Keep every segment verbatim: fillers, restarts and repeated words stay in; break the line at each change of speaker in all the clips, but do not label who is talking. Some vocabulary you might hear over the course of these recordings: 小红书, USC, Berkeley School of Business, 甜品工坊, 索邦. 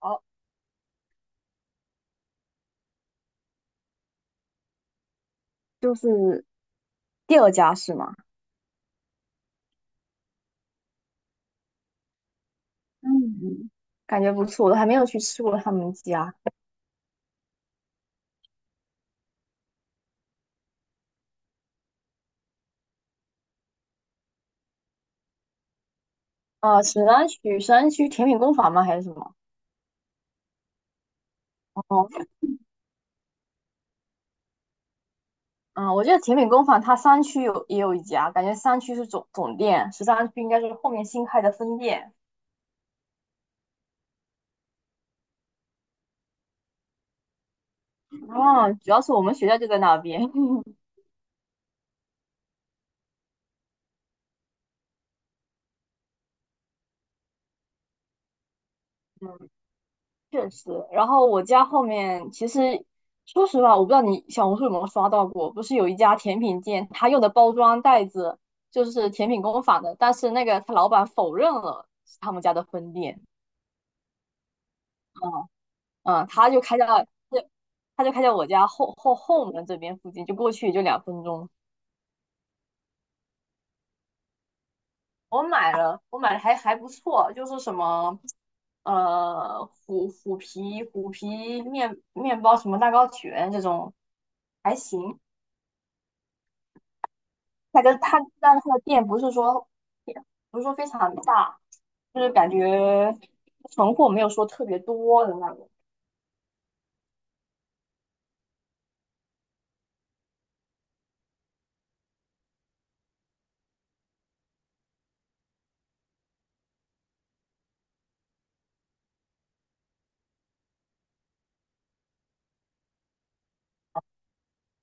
哦，就是第二家是吗？嗯，感觉不错，我都还没有去吃过他们家。啊，沈阳区沈阳区甜品工坊吗？还是什么？哦，嗯，我记得甜品工坊它三区有也有一家，感觉三区是总总店，十三区应该是后面新开的分店。啊，主要是我们学校就在那边。确实，然后我家后面其实，说实话，我不知道你小红书有没有刷到过，不是有一家甜品店，他用的包装袋子就是甜品工坊的，但是那个他老板否认了是他们家的分店。嗯，他就开在，对，他就开在我家后后后门这边附近，就过去也就两分钟。我买了，我买的还还不错，就是什么，呃，虎虎皮虎皮面面包什么蛋糕卷这种，还行。它跟他，但是他的店不是说不是说非常大，就是感觉存货没有说特别多的那种。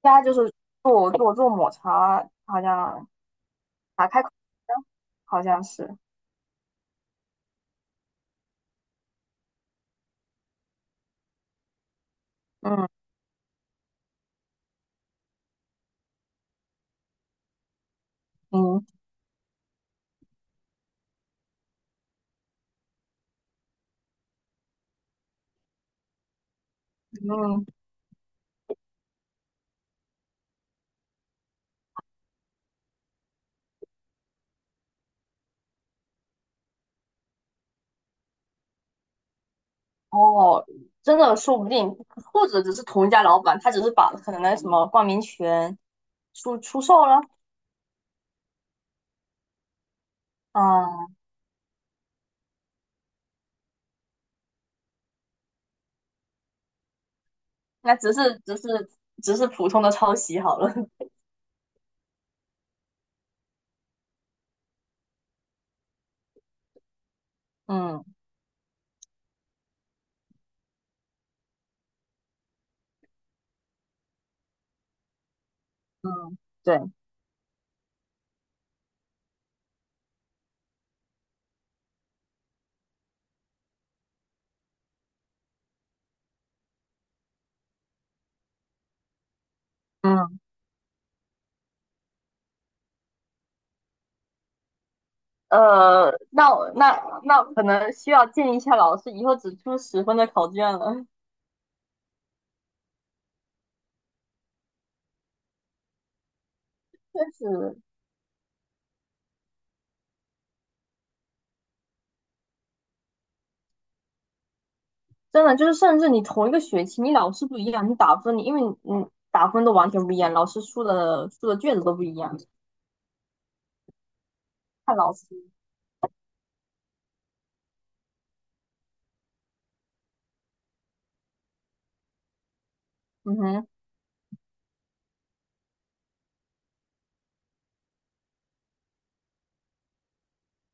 家就是做做做抹茶，好像打开口好像是，嗯嗯嗯，哦，真的说不定，或者只是同一家老板，他只是把可能那什么冠名权出出售了。嗯，那只是只是只是普通的抄袭好了。嗯嗯，对，嗯。呃，那我那那可能需要建议一下老师，以后只出十分的考卷了。确实，真的就是，甚至你同一个学期，你老师不一样，你打分，你因为你你打分都完全不一样，老师出的出的卷子都不一样。看老师。嗯哼，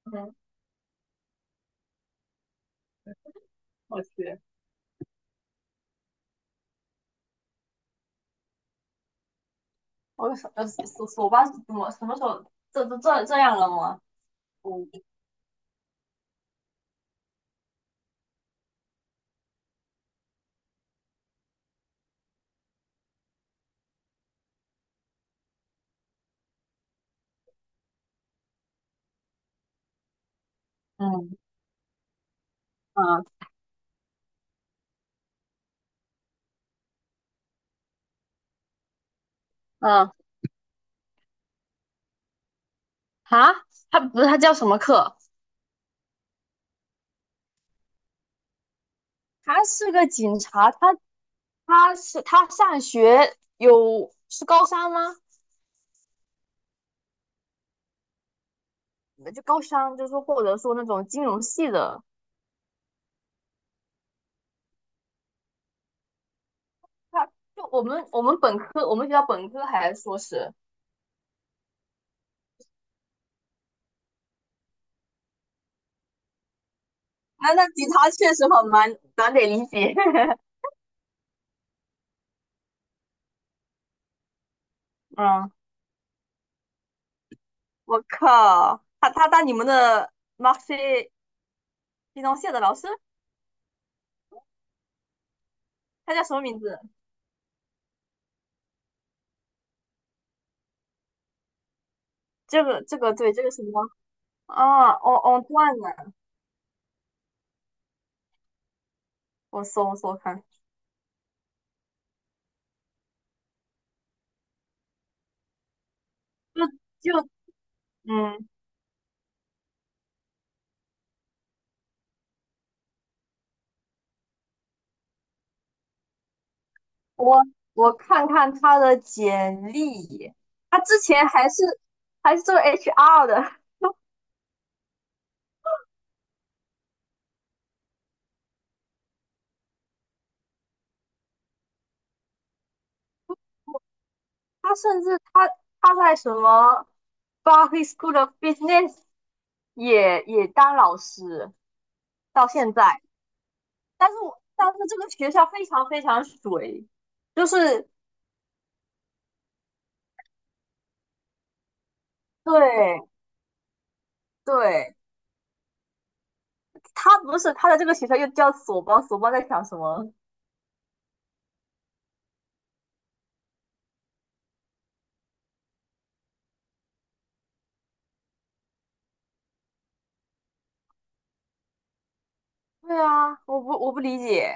嗯哼，我去，我什么手手手吧？怎么什么时候这这这这样了吗？嗯，嗯嗯嗯，啊，他他不是他叫什么课？他是个警察。他他是他上学有是高三吗？呃就高三，就是说或者说那种金融系的。他就我们我们本科，我们学校本科还硕士。那那吉他确实很难难得理解。嗯，我靠，他他当你们的 Maxi 金融系的老师，他叫什么名字？这个这个对。这个什么啊，我我断了，我搜我搜看。就就嗯，我我看看他的简历。他之前还是还是做 H R 的，他甚至他他在什么 b e r k e e y School of Business 也也当老师到现在，但是我但是这个学校非常非常水。就是对对，他不是他的这个学校又叫索邦。索邦在想什么？对啊，我不我不理解。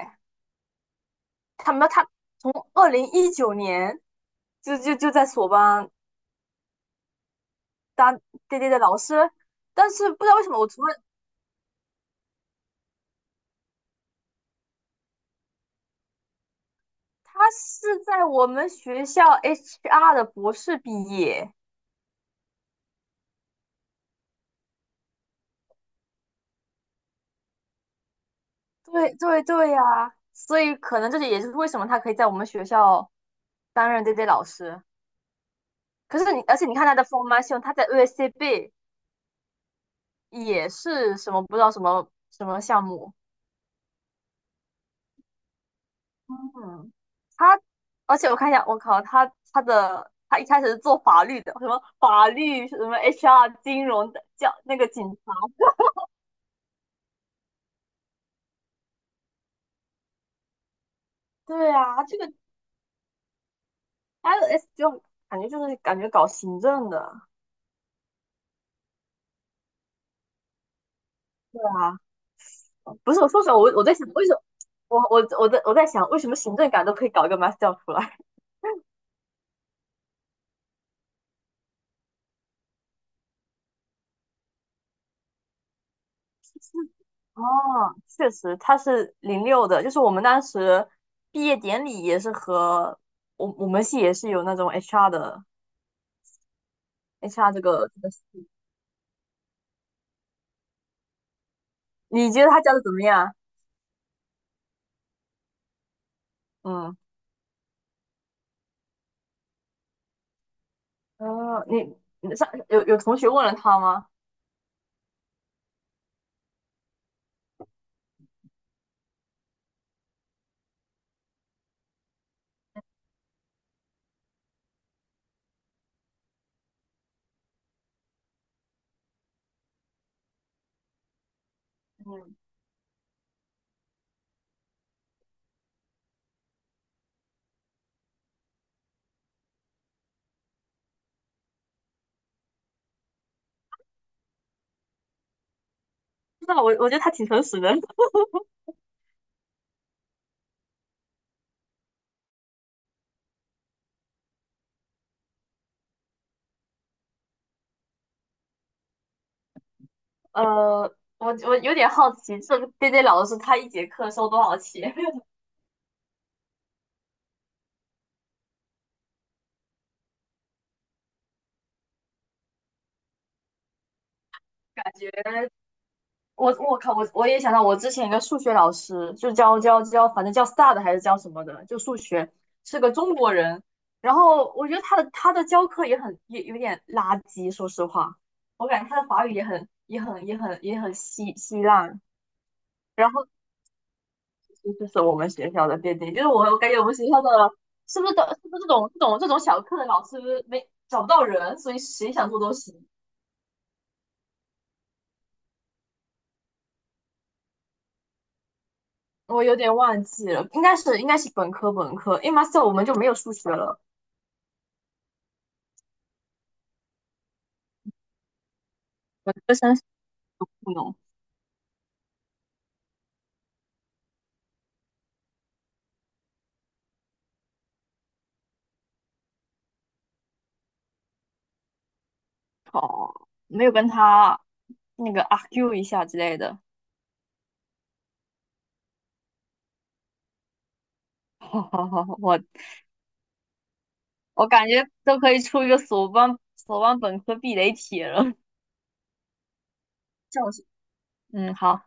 他们他从二零一九年就就就在索邦当对对的老师，但是不知道为什么我除了他是在我们学校 H R 的博士毕业。对对对呀。所以可能这就也就是为什么他可以在我们学校担任 D J 老师。可是你，而且你看他的 formation，他在 u s c b 也是什么不知道什么什么项目。嗯，他，而且我看一下，我靠，他他的他一开始是做法律的，什么法律什么 H R 金融的，叫那个警察。对啊，这个 L S 就感觉就是感觉搞行政的。对啊，不是我说实话，我我在想为什么我我我在我在想为什么行政岗都可以搞一个 master 出来。哦，确实，他是零六的，就是我们当时毕业典礼也是和我我们系也是有那种 H R 的 H R 这个这个系你觉得他教的怎么样？嗯，呃，你你上有有同学问了他吗？嗯，不知道，我我觉得他挺诚实的。呃，我我有点好奇，这个 D J 老师他一节课收多少钱？感觉我我靠，我我也想到我之前一个数学老师，就教教教，反正叫 star 的还是叫什么的，就数学，是个中国人。然后我觉得他的他的教课也很也有点垃圾，说实话。我感觉他的法语也很也很也很也很稀稀烂。然后。这就是我们学校的奠定，就是我我感觉我们学校的是不是都是不是这种这种这种小课的老师没找不到人，所以谁想做都行。我有点忘记了，应该是应该是本科本科，因为 master 我们就没有数学了。本科生是不能考，没有跟他那个 argue 一下之类的。我我感觉都可以出一个索邦索邦本科避雷帖了。笑死。嗯，好。